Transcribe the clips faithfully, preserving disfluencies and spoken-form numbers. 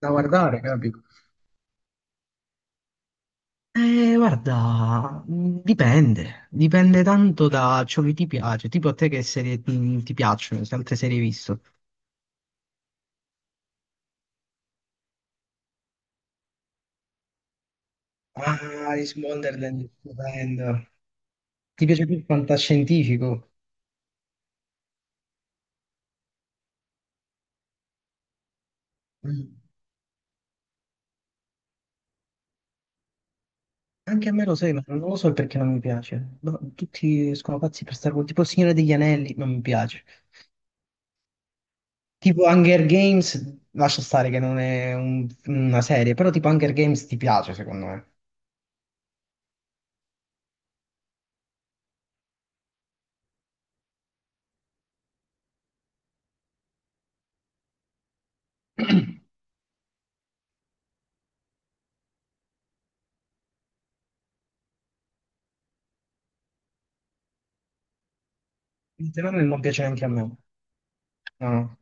Da guardare, capito? Eh, guarda, mh, dipende, dipende tanto da ciò che ti piace, tipo a te che serie ti, ti piacciono, se altre serie hai visto. Ah, Alice in Wonderland, stupendo. Ti piace più il fantascientifico? Mm. Anche a me lo sai, ma non lo so perché non mi piace. No, tutti sono pazzi per Star Wars, tipo Il Signore degli Anelli, non mi piace. Tipo Hunger Games, lascia stare che non è un- una serie, però tipo Hunger Games ti piace secondo me. Il fenomeno non piace neanche a me. No, no.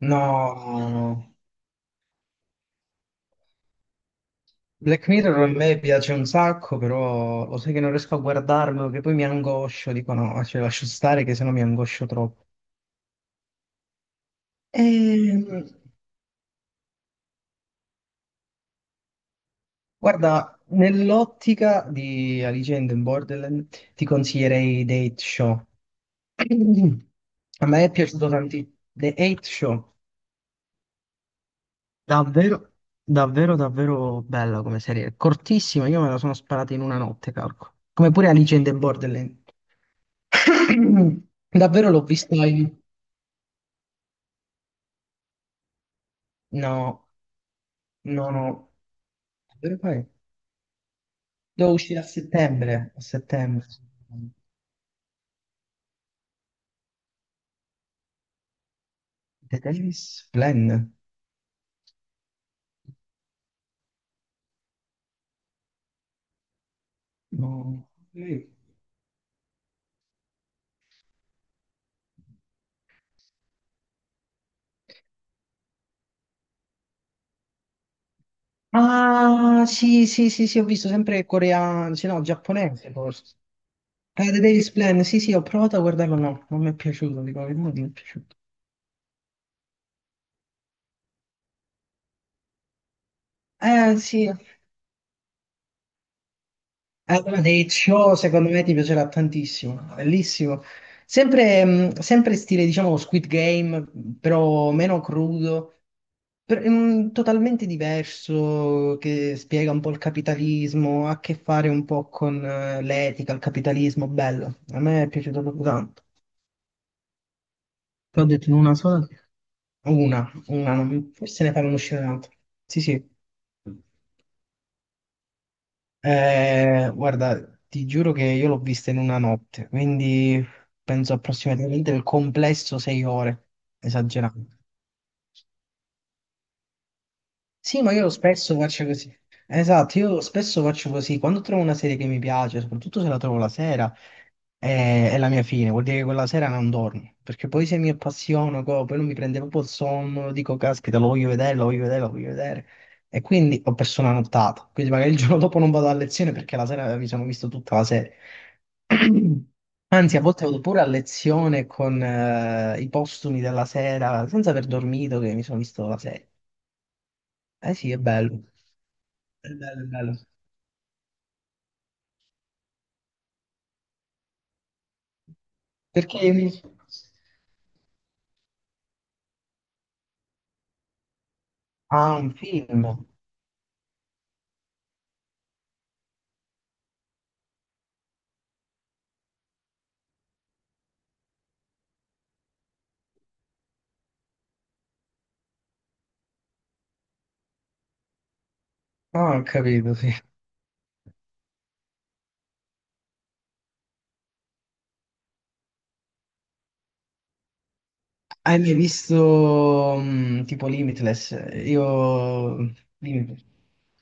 No, Black Mirror a me piace un sacco, però lo sai che non riesco a guardarlo, che poi mi angoscio, dico no, cioè lascio stare che sennò mi angoscio troppo. Ehm, Guarda, nell'ottica di Alice in Borderland ti consiglierei The Eight Show. A me è piaciuto tantissimo. The Eight Show, davvero, davvero, davvero bella come serie. Cortissima, io me la sono sparata in una notte, calco. Come pure Alice in Borderland. Davvero l'ho visto in- No, no, no. Davvero poi? Devo uscire a settembre, a settembre. The Davis Plan. No. Sì. Ah, sì, sì, sì, sì, ho visto sempre coreano, sì, no, giapponese forse. Eh, The Davis Plan, sì, sì, ho provato a guardarlo, no, non mi è piaciuto, dico, la verità, non mi è piaciuto. Eh, sì, allora, Dave Show secondo me ti piacerà tantissimo, no, bellissimo. Sempre, mh, sempre stile, diciamo, Squid Game, però meno crudo, per- mh, totalmente diverso, che spiega un po' il capitalismo, ha a che fare un po' con eh, l'etica, il capitalismo, bello. A me è piaciuto proprio tanto. Te l'ho detto in una sola? Una, una, non- Forse ne farò uscire un'altra. Sì, sì. Eh, guarda, ti giuro che io l'ho vista in una notte, quindi penso approssimativamente il complesso sei ore, esagerato. Sì, ma io lo spesso faccio così. Esatto, io spesso faccio così. Quando trovo una serie che mi piace, soprattutto se la trovo la sera, è, è la mia fine. Vuol dire che quella sera non dormo. Perché poi se mi appassiono, co, poi non mi prende proprio il sonno, dico, caspita, lo voglio vedere, lo voglio vedere, lo voglio vedere. E quindi ho perso una nottata. Quindi magari il giorno dopo non vado a lezione perché la sera mi sono visto tutta la serie. Anzi, a volte vado pure a lezione con eh, i postumi della sera, senza aver dormito, che mi sono visto la serie. Eh sì, è bello. È bello, è bello. Perché mi- Ah, un film. Ah, ho capito, sì. Hai mai visto mm, tipo Limitless? Io... Limitless.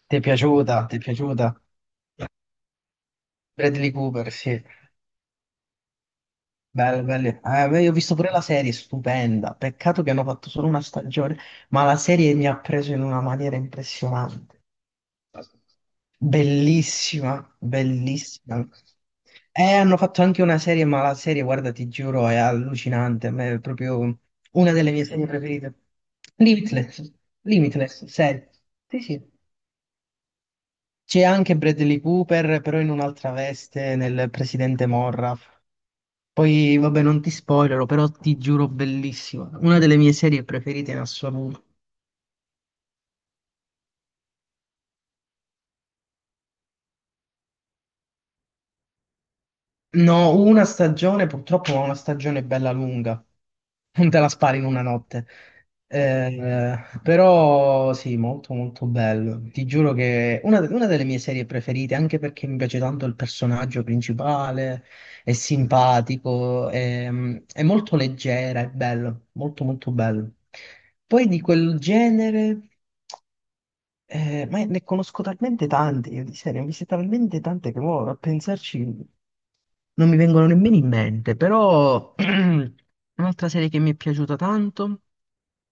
Ti è piaciuta? Ti è piaciuta? Bradley Cooper, sì. Bello, bello. Eh, beh, io ho visto pure la serie, stupenda. Peccato che hanno fatto solo una stagione, ma la serie mi ha preso in una maniera impressionante. Bellissima, bellissima. Eh, hanno fatto anche una serie, ma la serie, guarda, ti giuro, è allucinante. A me è proprio una delle mie serie preferite. Limitless, Limitless, serie. Sì, sì. C'è anche Bradley Cooper, però in un'altra veste, nel presidente Morra. Poi, vabbè, non ti spoilerò, però ti giuro, bellissima. Una delle mie serie preferite in assoluto. No, una stagione, purtroppo ma una stagione bella lunga, non te la spari in una notte. Eh, però sì, molto molto bello. Ti giuro che è una, una delle mie serie preferite, anche perché mi piace tanto il personaggio principale, è simpatico, è, è molto leggera, è bello, molto molto bello. Poi di quel genere, eh, ma ne conosco talmente tante, io di serie, ne ho viste talmente tante che mo, a pensarci non mi vengono nemmeno in mente, però un'altra serie che mi è piaciuta tanto,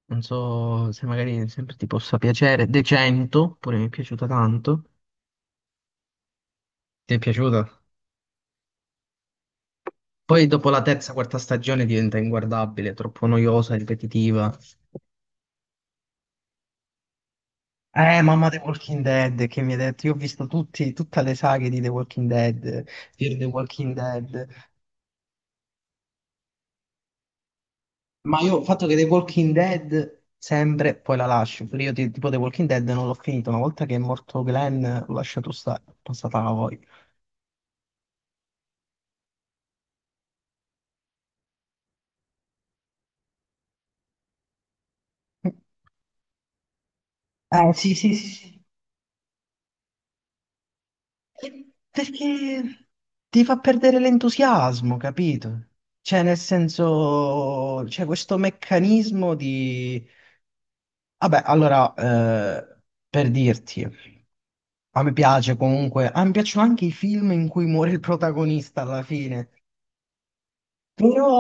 non so se magari sempre ti possa piacere, De cento, pure mi è piaciuta tanto. Ti è piaciuta? Poi dopo la terza, quarta stagione diventa inguardabile, troppo noiosa, ripetitiva. Eh, mamma The Walking Dead che mi ha detto, io ho visto tutti, tutte le saghe di The Walking Dead, Fear the Walking Dead. Ma io ho fatto che The Walking Dead sempre poi la lascio, perché io ti- tipo The Walking Dead non l'ho finito, una volta che è morto Glenn l'ho lasciato stare, è passata la voglia. Eh sì sì sì sì, e perché ti fa perdere l'entusiasmo, capito? Cioè nel senso, c'è questo meccanismo di... Vabbè, allora, eh, per dirti, a me piace comunque, a me piacciono anche i film in cui muore il protagonista alla fine. Però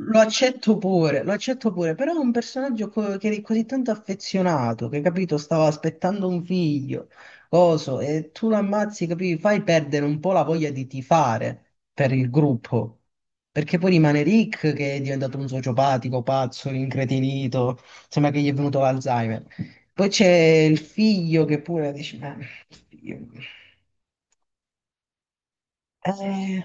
lo accetto pure, lo accetto pure, però è un personaggio co- che è così tanto affezionato, che capito, stava aspettando un figlio, coso, e tu lo ammazzi, capito, fai perdere un po' la voglia di tifare per il gruppo, perché poi rimane Rick che è diventato un sociopatico, pazzo, incretinito, sembra che gli è venuto l'Alzheimer. Poi c'è il figlio che pure dice, ma figlio. Eh,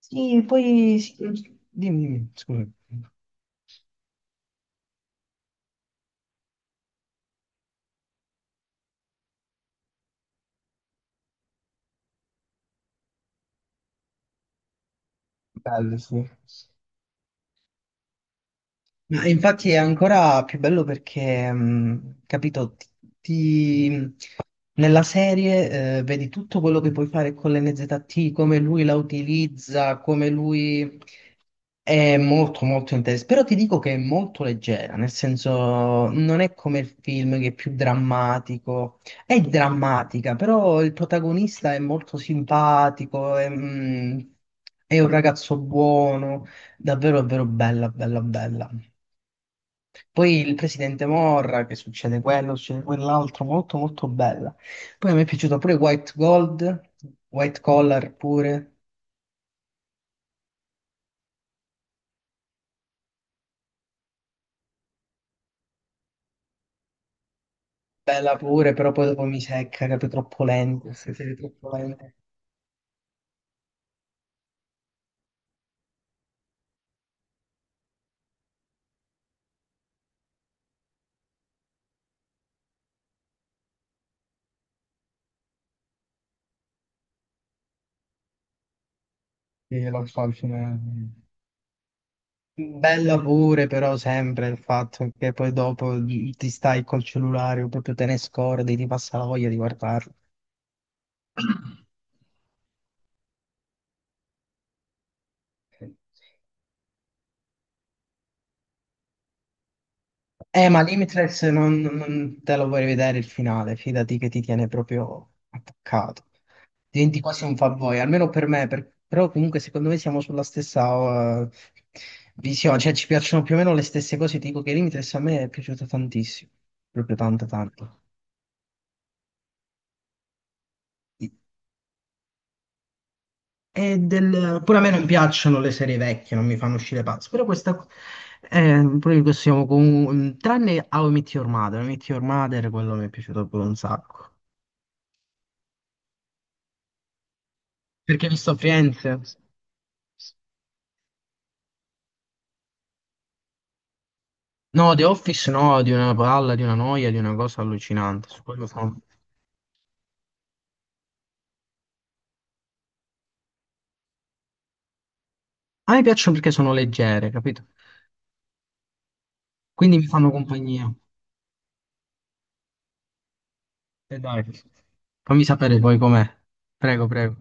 sì, poi... sì, dimmi, dimmi, scusa. Bello, sì. Ma infatti è ancora più bello perché, mh, capito, ti, ti- nella serie eh, vedi tutto quello che puoi fare con l'N Z T, come lui la utilizza, come lui è molto molto interessante. Però ti dico che è molto leggera, nel senso non è come il film che è più drammatico, è drammatica, però il protagonista è molto simpatico, è, mh, è un ragazzo buono, davvero davvero bella, bella, bella. Poi il presidente Morra, che succede quello, succede quell'altro, molto molto bella. Poi mi è piaciuta pure White Gold, White Collar pure, bella pure, però poi dopo mi secca, capito, troppo lenta, se sei troppo lenta. Sì, lo so, al fine... Bella pure, però sempre il fatto che poi dopo ti stai col cellulare, o proprio te ne scordi, ti passa la voglia di guardarlo. Eh, ma Limitless non, non te lo vuoi vedere il finale, fidati che ti tiene proprio attaccato. Diventi quasi un fanboy, almeno per me, per- però comunque secondo me siamo sulla stessa eh, visione, cioè ci piacciono più o meno le stesse cose, ti dico che Limitless a me è piaciuto tantissimo, proprio tanto tanto. E del... Pure a me non piacciono le serie vecchie, non mi fanno uscire pazzo, però questa... qua- Eh, poi possiamo comunque... Tranne How I Met Your Mother, How I Met Your Mother, quello mi è piaciuto proprio un sacco. Perché hai visto Firenze? No, The Office no, di una palla, di una noia, di una cosa allucinante. Su quello sono- A me piacciono perché sono leggere, capito? Quindi mi fanno compagnia. E dai, fammi sapere poi com'è. Prego, prego.